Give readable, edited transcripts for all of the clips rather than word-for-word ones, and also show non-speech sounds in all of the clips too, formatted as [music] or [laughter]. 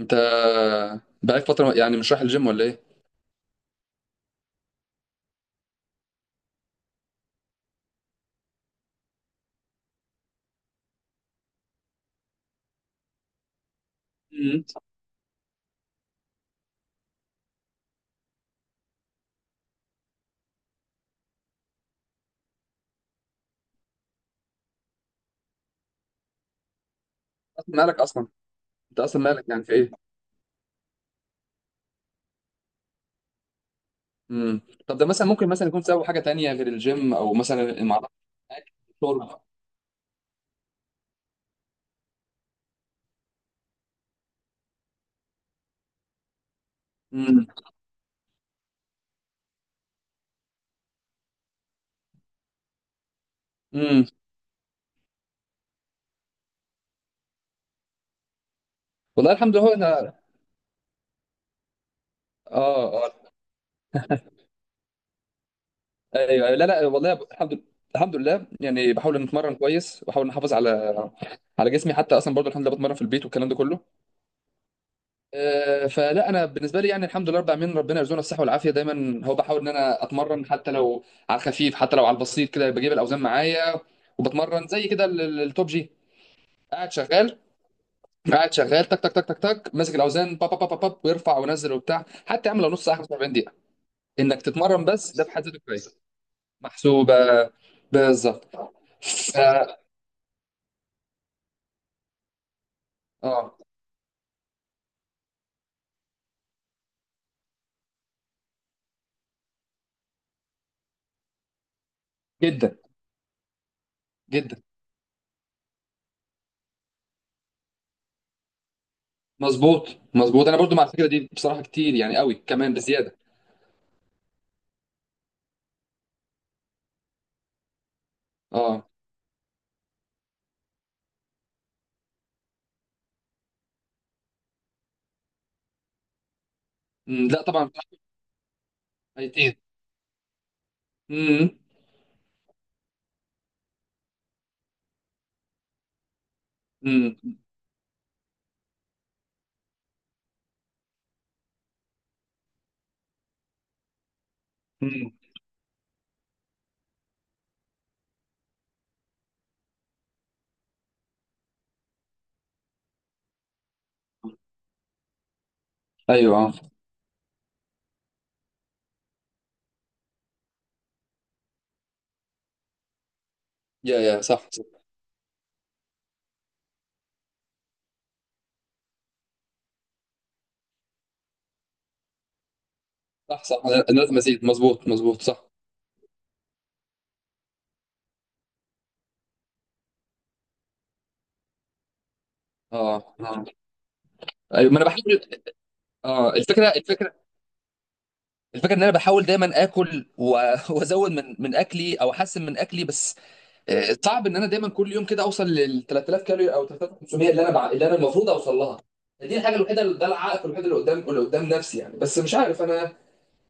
انت بقالك فترة يعني مش رايح الجيم ولا ايه؟ مم. اصلا مالك اصلا؟ انت اصلا مالك يعني في ايه؟ امم. طب ده مثلا ممكن مثلا يكون سبب حاجة تانية غير الجيم او مثلا ما اعرفش. اكل، شرب. امم، امم. والله الحمد لله. انا اه اه ايوه، أيوة. لا، والله الحمد لله. الحمد لله. يعني بحاول ان اتمرن كويس، بحاول ان احافظ على جسمي، حتى اصلا برضه الحمد لله بتمرن في البيت والكلام ده كله. فلا انا بالنسبه لي يعني الحمد لله رب العالمين، ربنا يرزقنا الصحه والعافيه دايما. هو بحاول ان انا اتمرن حتى لو على الخفيف، حتى لو على البسيط كده، بجيب الاوزان معايا وبتمرن زي كده التوب جي قاعد شغال. قاعد شغال تك تك تك تك تك، ماسك الاوزان با با با با با، ويرفع وينزل وبتاع، حتى يعمل لو نص ساعه 45 دقيقه انك تتمرن، بس ده في حد ذاته كويس. محسوبه، بالظبط. ف- اه، جدا جدا. مظبوط، مظبوط. انا برضو مع الفكره دي بصراحه، كتير يعني قوي كمان، بزياده. اه. م، لا طبعا. بصراحة، امم، امم، امم. ايوه، آه. يا يا، صح صح. صح صح، انا لازم ازيد، مظبوط مظبوط، صح. اه اه، ايوه ما انا بحاول. اه، الفكره، الفكره ان انا بحاول دايما اكل [laughs] وازود من اكلي او احسن من اكلي، بس صعب ان انا دايما كل يوم كده اوصل لل 3000 كالوري او 3500، اللي انا اللي انا المفروض اوصل لها. دي الحاجه ده العائق الوحيد اللي قدام نفسي يعني، بس مش عارف. انا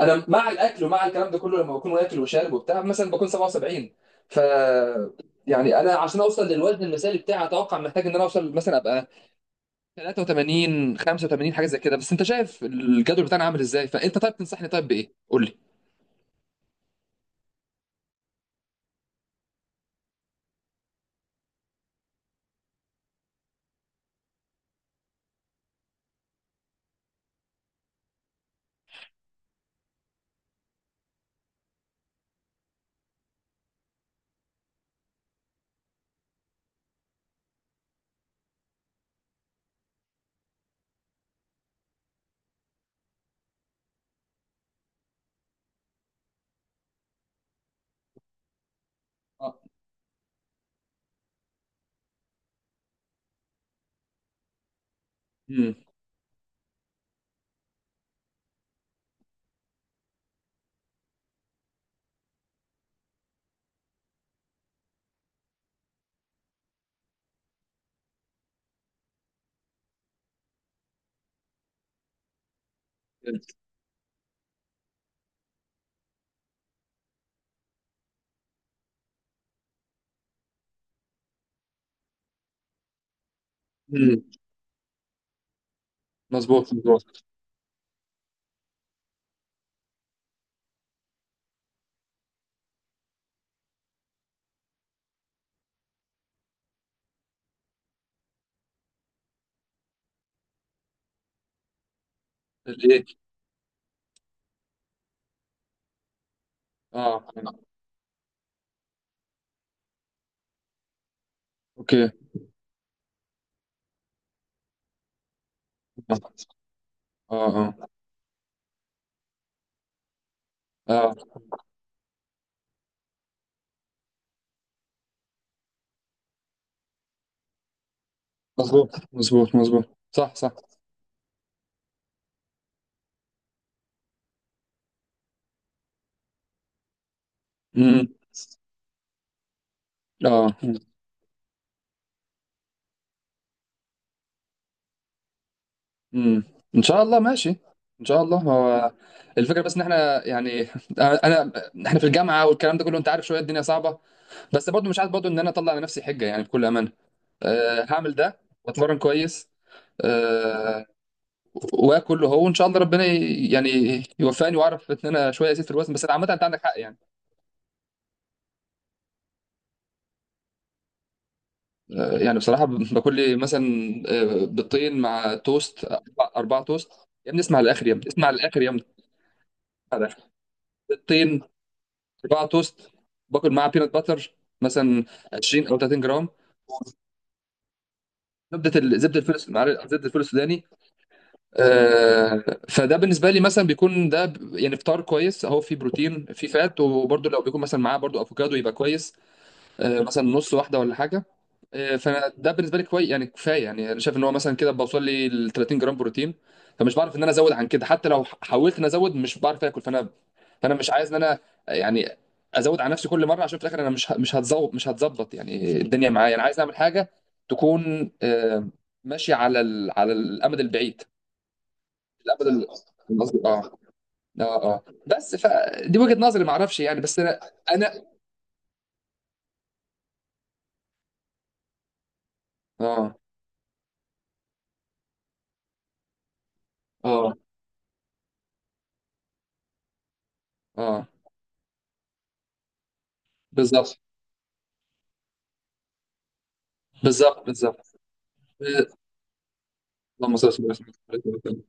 انا مع الاكل ومع الكلام ده كله، لما بكون واكل وشارب وبتاع مثلا بكون 77. ف يعني انا عشان اوصل للوزن المثالي بتاعي، اتوقع محتاج ان انا اوصل مثلا ابقى 83 85، حاجه زي كده. بس انت شايف الجدول بتاعنا عامل ازاي، فانت طيب تنصحني طيب بايه، قول لي. اه، امم، امم. مظبوط، مظبوط. الايه؟ اه، اوكي. اه اه اه. مظبوط مظبوط مظبوط، صح صح. امم، اه، امم. ان شاء الله، ماشي. ان شاء الله. هو الفكره بس ان احنا يعني [laughs] انا، احنا في الجامعه والكلام ده كله، انت عارف، شويه الدنيا صعبه. بس برضو مش عايز برضو ان انا اطلع على نفسي حجه يعني، بكل امانه. أه، هعمل ده واتمرن كويس. أه، واكل. هو وان شاء الله ربنا يعني يوفقني، واعرف ان انا شويه ازيد في الوزن. بس عامه انت عندك حق يعني. أه، يعني بصراحه، باكل لي مثلا بيضتين مع توست، أربعة توست. يا ابني اسمع للاخر، يا ابني اسمع للاخر، يا ابني اسمع للآخر. بيضتين، صباع توست، باكل معاه بينات باتر مثلا 20 او 30 جرام. زبده الفول، معلش، زبده الفول السوداني. فده بالنسبه لي مثلا بيكون ده يعني فطار كويس، اهو فيه بروتين فيه فات، وبرده لو بيكون مثلا معاه برده افوكادو يبقى كويس، مثلا نص واحده ولا حاجه. فانا ده بالنسبه لي كويس يعني، كفايه يعني. انا شايف ان هو مثلا كده بوصل لي ل 30 جرام بروتين، فمش بعرف ان انا ازود عن كده. حتى لو حاولت ان ازود مش بعرف اكل. فانا مش عايز ان انا يعني ازود على نفسي كل مره، عشان في الاخر انا مش هتظبط، مش هتظبط يعني الدنيا معايا. انا عايز اعمل حاجه تكون ماشيه على على الامد البعيد. الامد اه اه اه. بس فدي وجهه نظري، ما اعرفش يعني، بس انا اه اه اه. بالظبط، بالظبط، بالظبط. اللهم صل وسلم على سيدنا محمد.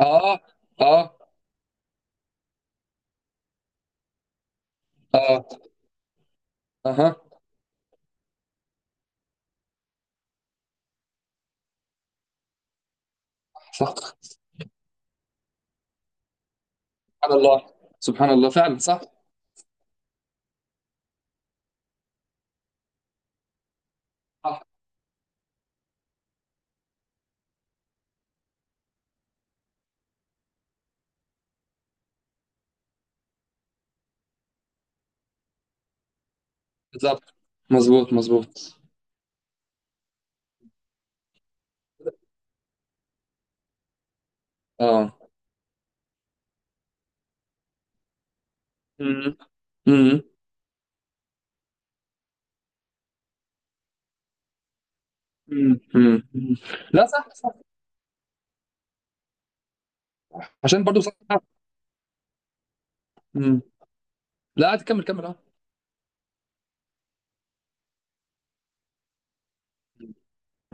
اه اه اه. اها، صح. سبحان الله. سبحان الله فعلا، صح، صح. بالظبط. مظبوط مظبوط. اه، امم، امم، امم، أمم. لا، صح صح. عشان برضو صح. امم. لا عادي، كمل، كمل، اه.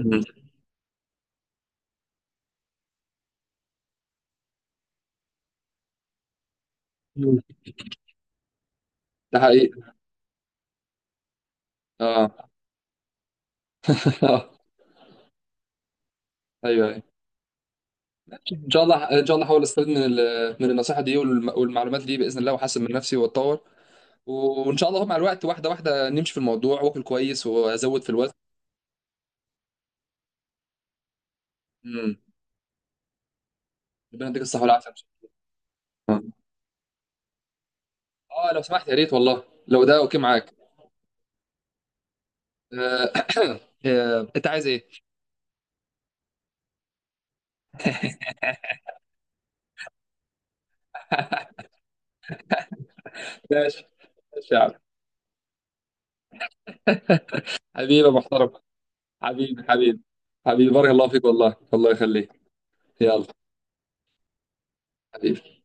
أمم، أمم. ده حقيقي. اه. [laughs] ايوه، ايوه. ان شاء الله، ان شاء الله هحاول استفيد من من النصيحه دي والمعلومات دي باذن الله، واحسن من نفسي واتطور. وان شاء الله مع الوقت واحده واحده نمشي في الموضوع، واكل كويس وازود في الوزن. امم. ربنا يديك الصحه والعافيه إن شاء الله. اه لو سمحت، يا ريت والله، لو ده اوكي معاك. آه، [coughs] انت عايز ايه؟ [laughs] ماشي. ماشي يا عم. حبيبي يا محترم. حبيبي، حبيبي. حبيبي، بارك الله فيك والله، الله يخليك. يلا، حبيبي.